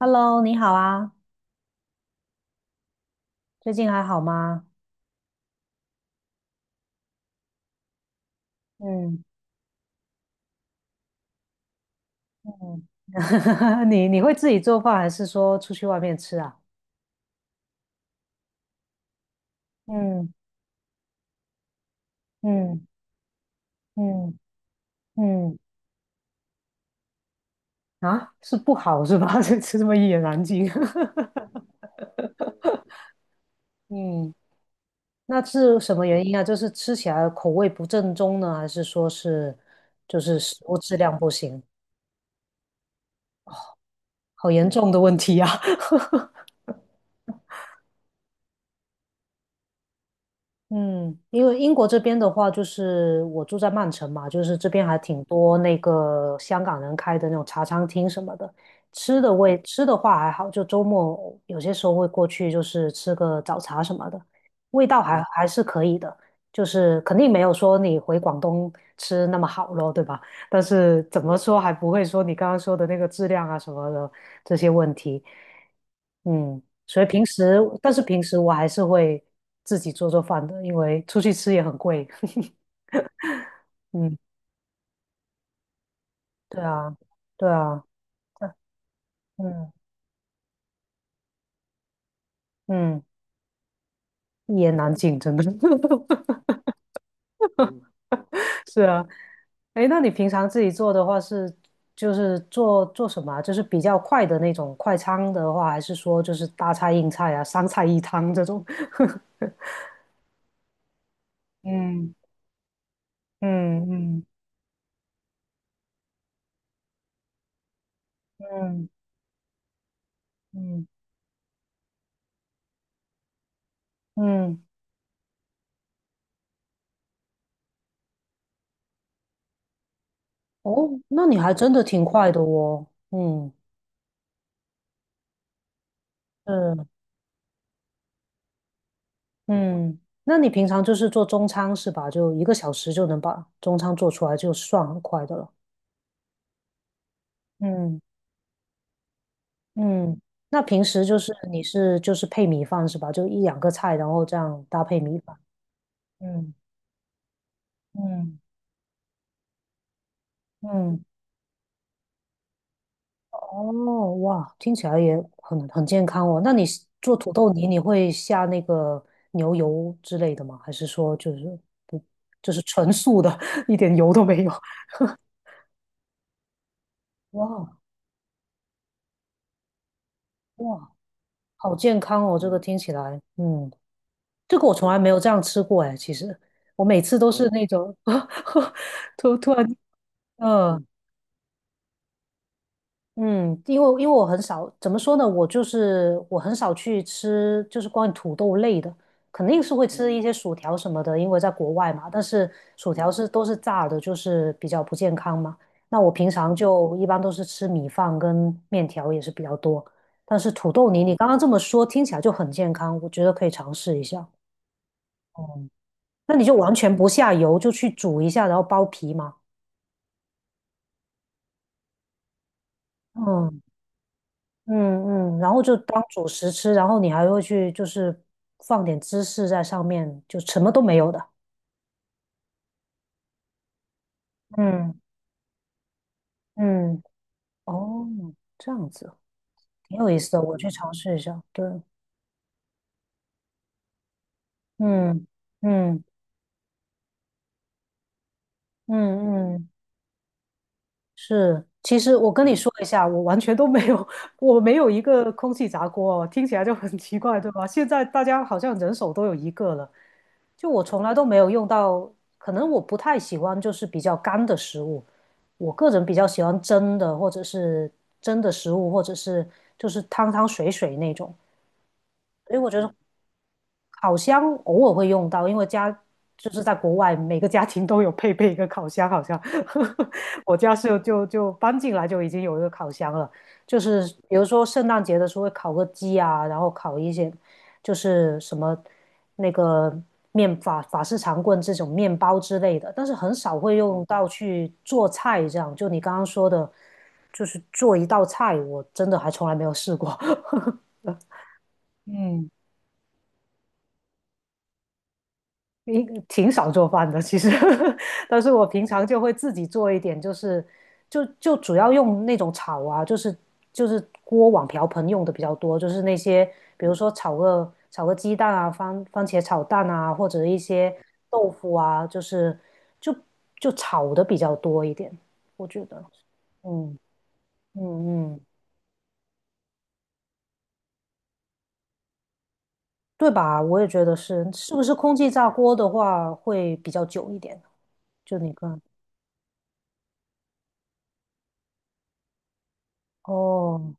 Hello，你好啊，最近还好吗？嗯嗯 你会自己做饭，还是说出去外面吃啊？嗯嗯嗯嗯啊，是不好是吧？这么一言难尽。嗯，那是什么原因啊？就是吃起来口味不正宗呢，还是说是就是食物质量不行？好严重的问题啊！嗯，因为英国这边的话，就是我住在曼城嘛，就是这边还挺多那个香港人开的那种茶餐厅什么的。吃的话还好，就周末有些时候会过去，就是吃个早茶什么的，味道还是可以的，就是肯定没有说你回广东吃那么好咯，对吧？但是怎么说还不会说你刚刚说的那个质量啊什么的，这些问题。嗯，所以平时，但是平时我还是会自己做做饭的，因为出去吃也很贵。嗯，对啊，对啊，嗯嗯，一言难尽，真的。是啊，哎，那你平常自己做的话是，就是做做什么啊就是比较快的那种快餐的话，还是说就是大菜硬菜啊，三菜一汤这种？嗯嗯嗯嗯嗯嗯。嗯哦，那你还真的挺快的哦。嗯，嗯嗯，那你平常就是做中餐是吧？就一个小时就能把中餐做出来，就算很快的了。嗯嗯，那平时就是你是就是配米饭是吧？就一两个菜，然后这样搭配米饭。嗯嗯嗯，哦哇，听起来也很健康哦。那你是做土豆泥，你会下那个牛油之类的吗？还是说就是不就是纯素的，一点油都没有？哇哇，好健康哦！这个听起来，嗯，这个我从来没有这样吃过哎。其实我每次都是那种 突然，嗯、嗯，因为我很少，怎么说呢？我就是我很少去吃，就是关于土豆类的，肯定是会吃一些薯条什么的，因为在国外嘛。但是薯条都是炸的，就是比较不健康嘛。那我平常就一般都是吃米饭跟面条也是比较多，但是土豆泥你刚刚这么说听起来就很健康，我觉得可以尝试一下。那你就完全不下油，就去煮一下，然后剥皮嘛。嗯嗯嗯，然后就当主食吃，然后你还会去就是放点芝士在上面，就什么都没有的。嗯嗯，哦，这样子挺有意思的，我去尝试一下。对，嗯嗯嗯嗯，是。其实我跟你说一下，我完全都没有，我没有一个空气炸锅哦，听起来就很奇怪，对吧？现在大家好像人手都有一个了，就我从来都没有用到，可能我不太喜欢就是比较干的食物，我个人比较喜欢蒸的或者是蒸的食物，或者是就是汤汤水水那种，所以我觉得烤箱偶尔会用到，因为家就是在国外，每个家庭都有配备一个烤箱，好像 我家是就搬进来就已经有一个烤箱了。就是比如说圣诞节的时候会烤个鸡啊，然后烤一些就是什么那个法式长棍这种面包之类的，但是很少会用到去做菜这样。就你刚刚说的，就是做一道菜，我真的还从来没有试过。嗯应挺少做饭的，其实，但是我平常就会自己做一点，就是就主要用那种炒啊，就是锅碗瓢盆用的比较多，就是那些比如说炒个鸡蛋啊，番茄炒蛋啊，或者一些豆腐啊，就是就就炒的比较多一点，我觉得，嗯嗯嗯，对吧？我也觉得是，是不是空气炸锅的话会比较久一点？就你个哦，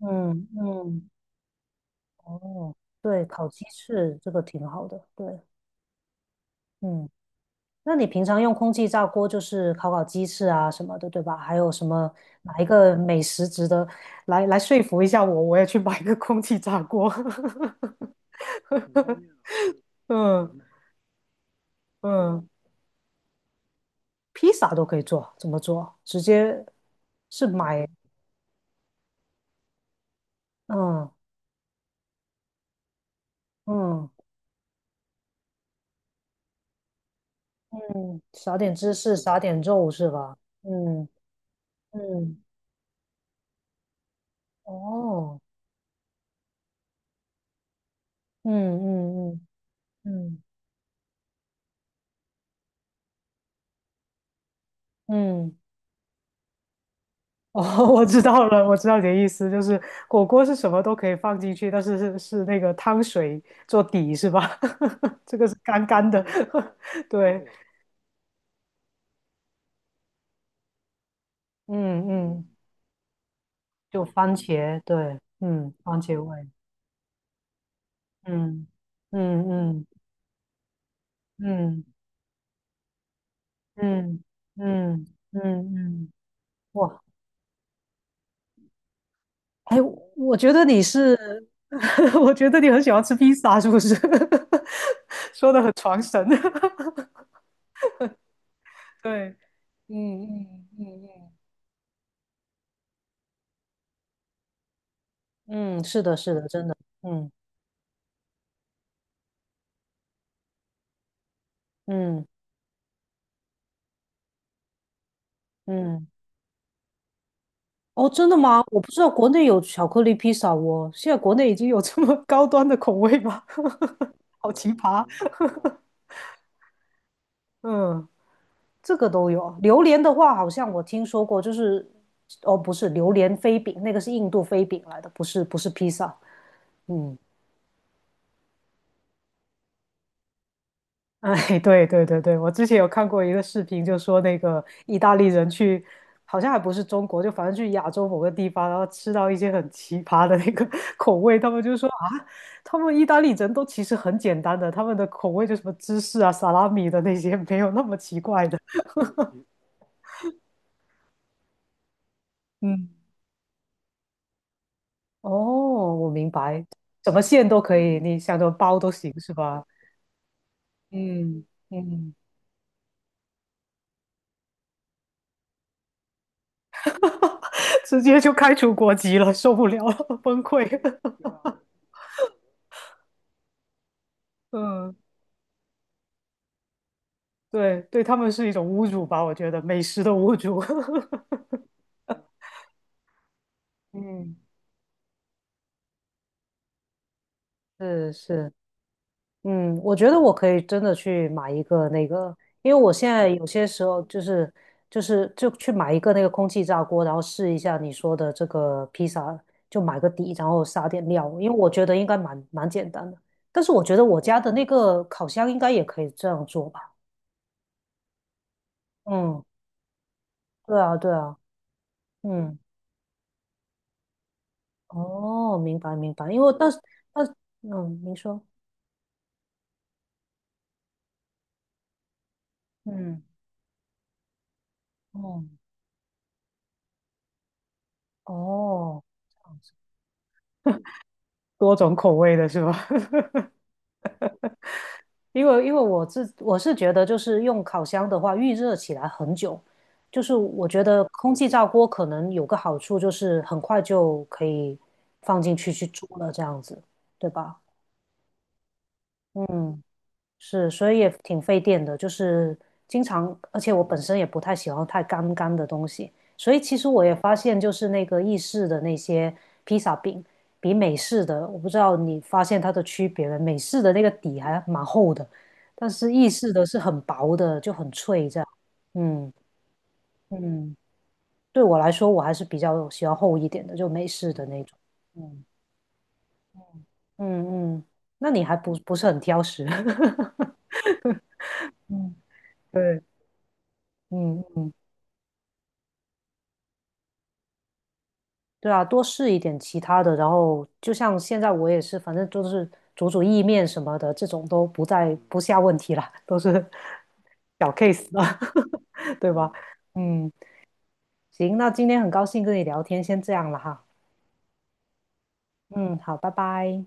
嗯嗯。哦，对，烤鸡翅这个挺好的，对，嗯，那你平常用空气炸锅就是烤烤鸡翅啊什么的，对吧？还有什么哪一个美食值得来说服一下我，我也去买个空气炸锅。嗯嗯，披萨都可以做，怎么做？直接是买，嗯嗯嗯，撒点芝士，撒点肉是吧？嗯嗯，哦，嗯嗯嗯嗯嗯。哦，我知道了，我知道你的意思，就是火锅是什么都可以放进去，但是是那个汤水做底是吧？这个是干干的，对，嗯嗯，就番茄，对，嗯，番茄味，嗯嗯嗯嗯嗯嗯嗯嗯，哇，哎，我觉得你是，我觉得你很喜欢吃披萨，是不是？说的很传神，对，嗯嗯嗯嗯。嗯，是的，是的，真的，嗯嗯嗯，哦，真的吗？我不知道国内有巧克力披萨哦，现在国内已经有这么 高端的口味吗？好奇葩，嗯，这个都有。榴莲的话，好像我听说过，就是，哦，不是榴莲飞饼，那个是印度飞饼来的，不是不是披萨，嗯。哎，对对对对，我之前有看过一个视频，就说那个意大利人去，好像还不是中国，就反正去亚洲某个地方，然后吃到一些很奇葩的那个 口味，他们就说啊，他们意大利人都其实很简单的，他们的口味就什么芝士啊、萨拉米的那些 没有那么奇怪的。嗯，哦，我明白，什么馅都可以，你想怎么包都行，是吧？嗯嗯，直接就开除国籍了，受不了了，崩溃 嗯。对，对他们是一种侮辱吧，我觉得美食的侮辱。嗯，是是，嗯，我觉得我可以真的去买一个那个，因为我现在有些时候就是就去买一个那个空气炸锅，然后试一下你说的这个披萨，就买个底，然后撒点料，因为我觉得应该蛮简单的。但是我觉得我家的那个烤箱应该也可以这样做吧？嗯，对啊，对啊，嗯，哦，明白明白，因为但是嗯，您说，嗯，哦。哦，这样子多种口味的是吧？因为我是觉得，就是用烤箱的话，预热起来很久，就是我觉得空气炸锅可能有个好处，就是很快就可以放进去煮了，这样子，对吧？嗯是，所以也挺费电的，就是经常，而且我本身也不太喜欢太干干的东西，所以其实我也发现，就是那个意式的那些披萨饼，比美式的，我不知道你发现它的区别没？美式的那个底还蛮厚的，但是意式的是很薄的，就很脆这样。嗯嗯，对我来说，我还是比较喜欢厚一点的，就美式的那种。嗯嗯嗯，那你还不是很挑食？嗯，对，嗯嗯。对啊，多试一点其他的，然后就像现在我也是，反正就是煮煮意面什么的，这种都不再不下问题了，都是小 case 了，对吧？嗯，行，那今天很高兴跟你聊天，先这样了哈。嗯，好，拜拜。